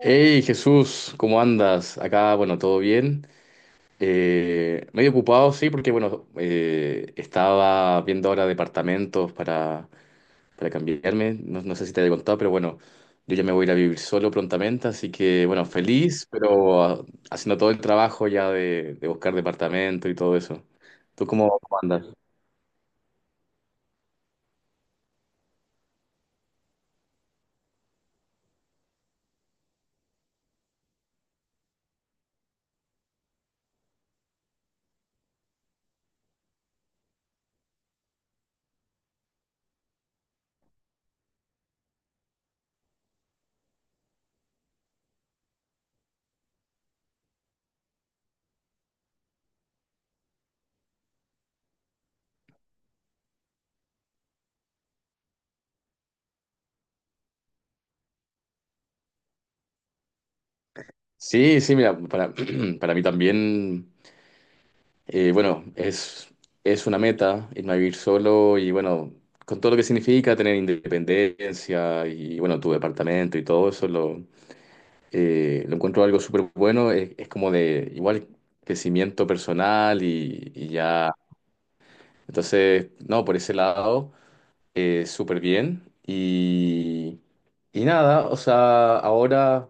Hey Jesús, ¿cómo andas? Acá, bueno, todo bien. Medio ocupado, sí, porque bueno, estaba viendo ahora departamentos para cambiarme. No sé si te había contado, pero bueno, yo ya me voy a ir a vivir solo prontamente, así que bueno, feliz, pero haciendo todo el trabajo ya de buscar departamento y todo eso. ¿Tú cómo andas? Sí, sí, mira, para, para mí también. Bueno, es una meta irme a vivir solo y bueno, con todo lo que significa tener independencia y bueno, tu departamento y todo eso, lo encuentro algo súper bueno. Es como de igual crecimiento personal y ya. Entonces, no, por ese lado, súper bien. Y nada, o sea, ahora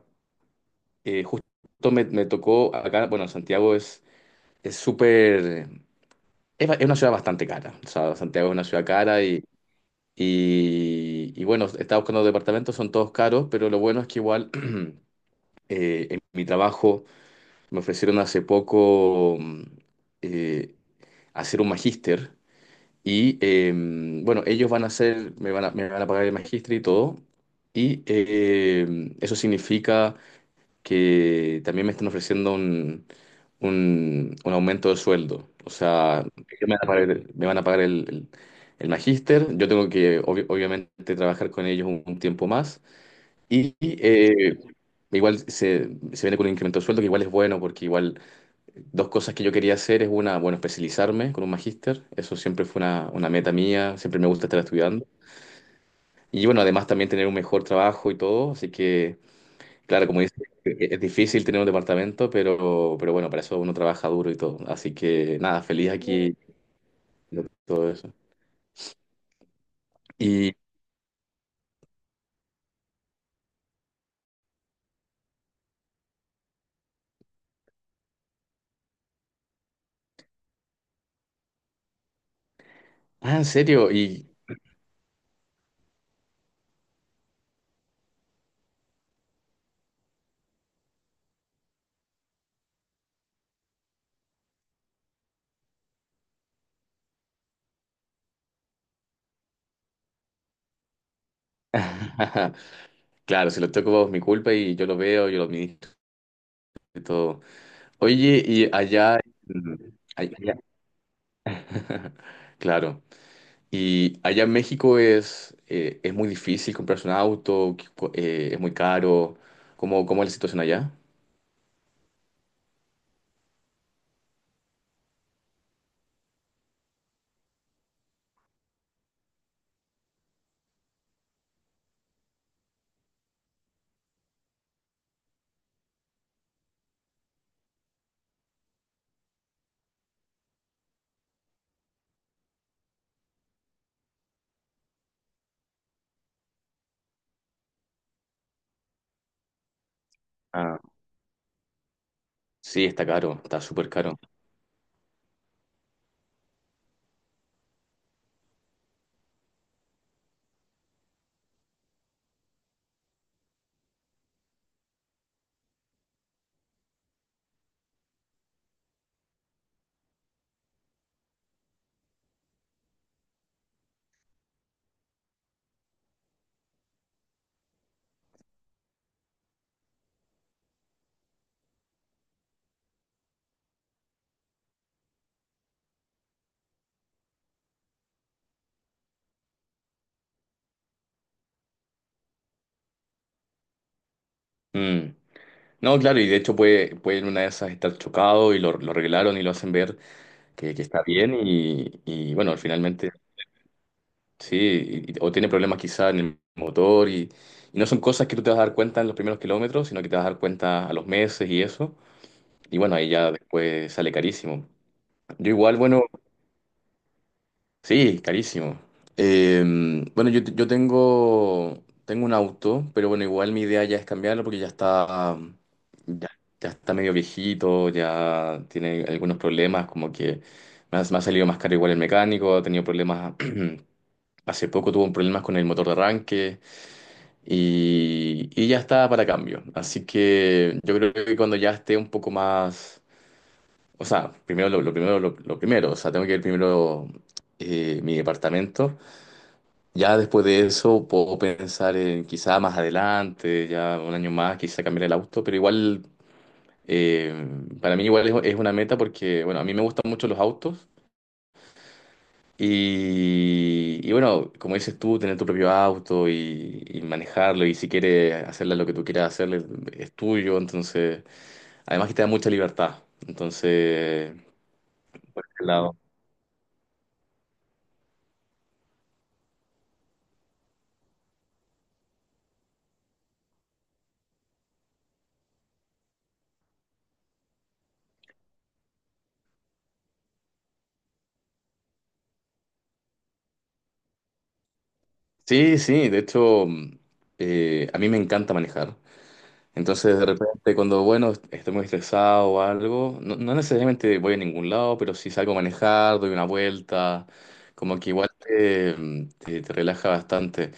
justo me tocó acá, bueno, Santiago es súper. Es una ciudad bastante cara. O sea, Santiago es una ciudad cara y bueno, estaba buscando departamentos, son todos caros, pero lo bueno es que igual en mi trabajo me ofrecieron hace poco eh, hacer un magíster y bueno, ellos van a hacer, me van a pagar el magíster y todo. Y eso significa que también me están ofreciendo un aumento de sueldo. O sea, ellos me van a pagar, el, me van a pagar el magíster, yo tengo que obviamente trabajar con ellos un tiempo más y igual se viene con un incremento de sueldo que igual es bueno porque igual dos cosas que yo quería hacer es una, bueno, especializarme con un magíster, eso siempre fue una meta mía, siempre me gusta estar estudiando. Y bueno, además también tener un mejor trabajo y todo, así que claro, como dices, es difícil tener un departamento, pero bueno, para eso uno trabaja duro y todo. Así que nada, feliz. Sí, aquí de todo eso. Y, ah, ¿en serio? Y claro, si lo toco es mi culpa y yo lo veo, yo lo administro y todo. Oye, y allá, mm, ay- allá- claro, y allá en México es muy difícil comprarse un auto, es muy caro. ¿Cómo, cómo es la situación allá? Ah, sí, está caro, está súper caro. Mm. No, claro, y de hecho puede, puede en una de esas estar chocado y lo arreglaron y lo hacen ver que está bien y, bueno, finalmente sí, o tiene problemas quizá en el motor y no son cosas que tú te vas a dar cuenta en los primeros kilómetros, sino que te vas a dar cuenta a los meses y eso, y bueno, ahí ya después sale carísimo. Yo igual, bueno, sí, carísimo. Eh, bueno, yo, yo tengo, tengo un auto, pero bueno, igual mi idea ya es cambiarlo porque ya está, ya, ya está medio viejito, ya tiene algunos problemas, como que me ha salido más caro igual el mecánico, ha tenido problemas, hace poco tuvo un problemas con el motor de arranque y ya está para cambio. Así que yo creo que cuando ya esté un poco más, o sea, primero lo primero, lo primero, o sea, tengo que ver primero mi departamento. Ya después de eso puedo pensar en quizá más adelante, ya un año más, quizá cambiar el auto, pero igual, eh, para mí igual es una meta porque, bueno, a mí me gustan mucho los autos y bueno, como dices tú, tener tu propio auto y manejarlo y si quieres hacerle lo que tú quieras hacerle, es tuyo, entonces, además que te da mucha libertad, entonces, por ese lado. Sí, sí, de hecho, a mí me encanta manejar. Entonces, de repente, cuando, bueno, estoy muy estresado o algo, no, no necesariamente voy a ningún lado, pero si salgo a manejar, doy una vuelta, como que igual te, te relaja bastante.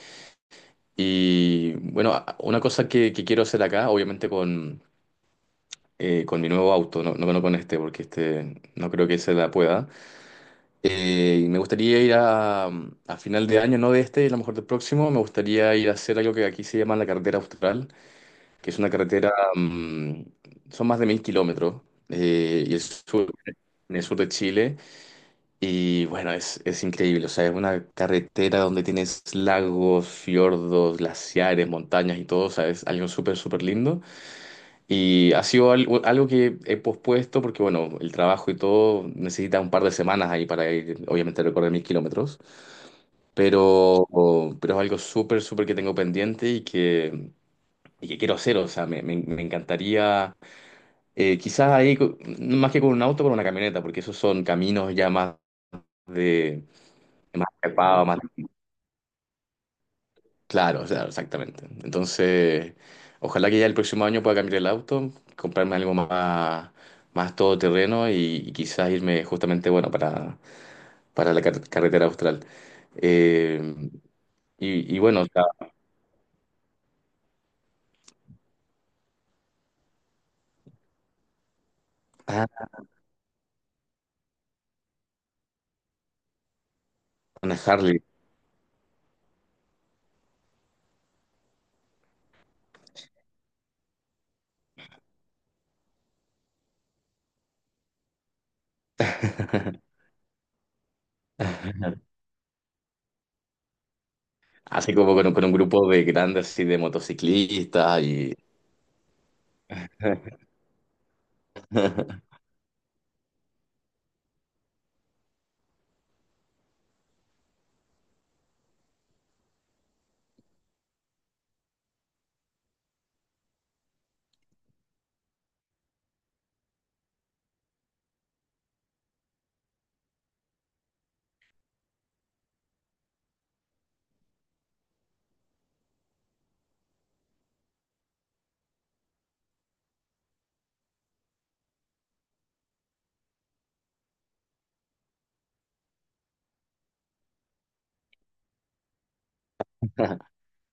Y bueno, una cosa que quiero hacer acá, obviamente con mi nuevo auto, no, no, no con este, porque este no creo que se la pueda. Y me gustaría ir a final de año, no de este, a lo mejor del próximo, me gustaría ir a hacer algo que aquí se llama la carretera austral, que es una carretera, son más de 1000 kilómetros, y el sur, en el sur de Chile, y bueno, es increíble, o sea, es una carretera donde tienes lagos, fiordos, glaciares, montañas y todo, o sea, es algo súper, súper lindo, y ha sido algo, algo que he pospuesto porque, bueno, el trabajo y todo necesita un par de semanas ahí para ir, obviamente, a recorrer 1000 kilómetros, pero, pero es algo súper, súper que tengo pendiente y que... y que quiero hacer, o sea, me, me encantaría. Quizás ahí, no, más que con un auto, con una camioneta, porque esos son caminos ya más de, más escarpados, más claro, o sea, exactamente. Entonces, ojalá que ya el próximo año pueda cambiar el auto, comprarme algo más, más todoterreno y quizás irme justamente, bueno, para la carretera austral. Eh, y, y bueno, o sea, ah, una Harley. Así como con, con un grupo de grandes así de motociclistas y...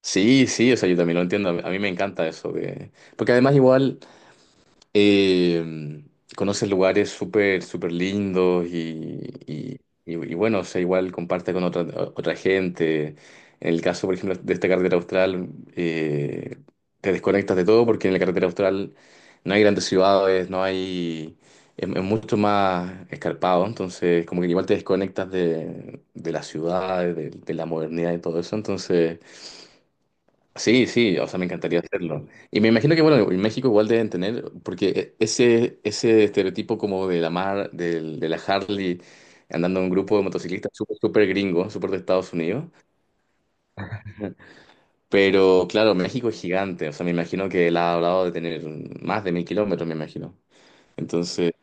Sí, sí, o sea, yo también lo entiendo. A mí me encanta eso. De- Porque además igual eh, conoces lugares súper, súper lindos y, y bueno, o sea, igual comparte con otra, otra gente. En el caso, por ejemplo, de esta carretera austral, eh, te desconectas de todo porque en la carretera austral no hay grandes ciudades, no hay... es mucho más escarpado, entonces como que igual te desconectas de las ciudades, de la modernidad y todo eso, entonces... sí, sí, o sea, me encantaría hacerlo. Y me imagino que, bueno, en México igual deben tener, porque ese, ese estereotipo como de la mar, de la Harley, andando en un grupo de motociclistas súper, súper gringo, súper de Estados Unidos. Pero claro, México es gigante, o sea, me imagino que él ha hablado de tener más de 1000 kilómetros, me imagino. Entonces,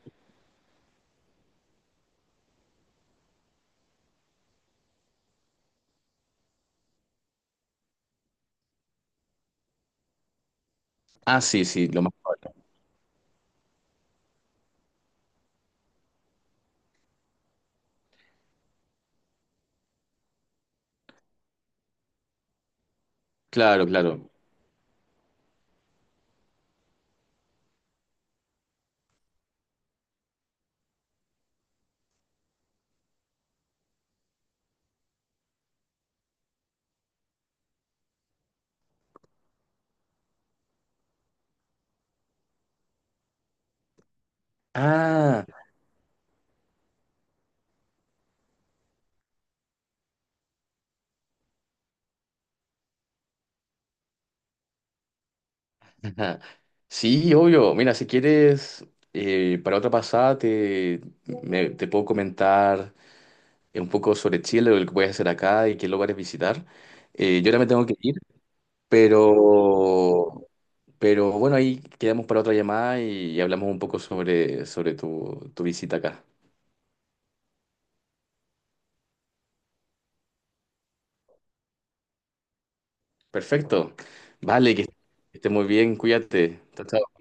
ah, sí, sí, lo más probable. Claro, claro. Ah, sí, obvio. Mira, si quieres, para otra pasada te, te puedo comentar un poco sobre Chile, lo que puedes hacer acá y qué lugares visitar. Yo ahora me tengo que ir, pero, pero bueno, ahí quedamos para otra llamada y hablamos un poco sobre, sobre tu, tu visita acá. Perfecto. Vale, que estés muy bien, cuídate. Chao, chao.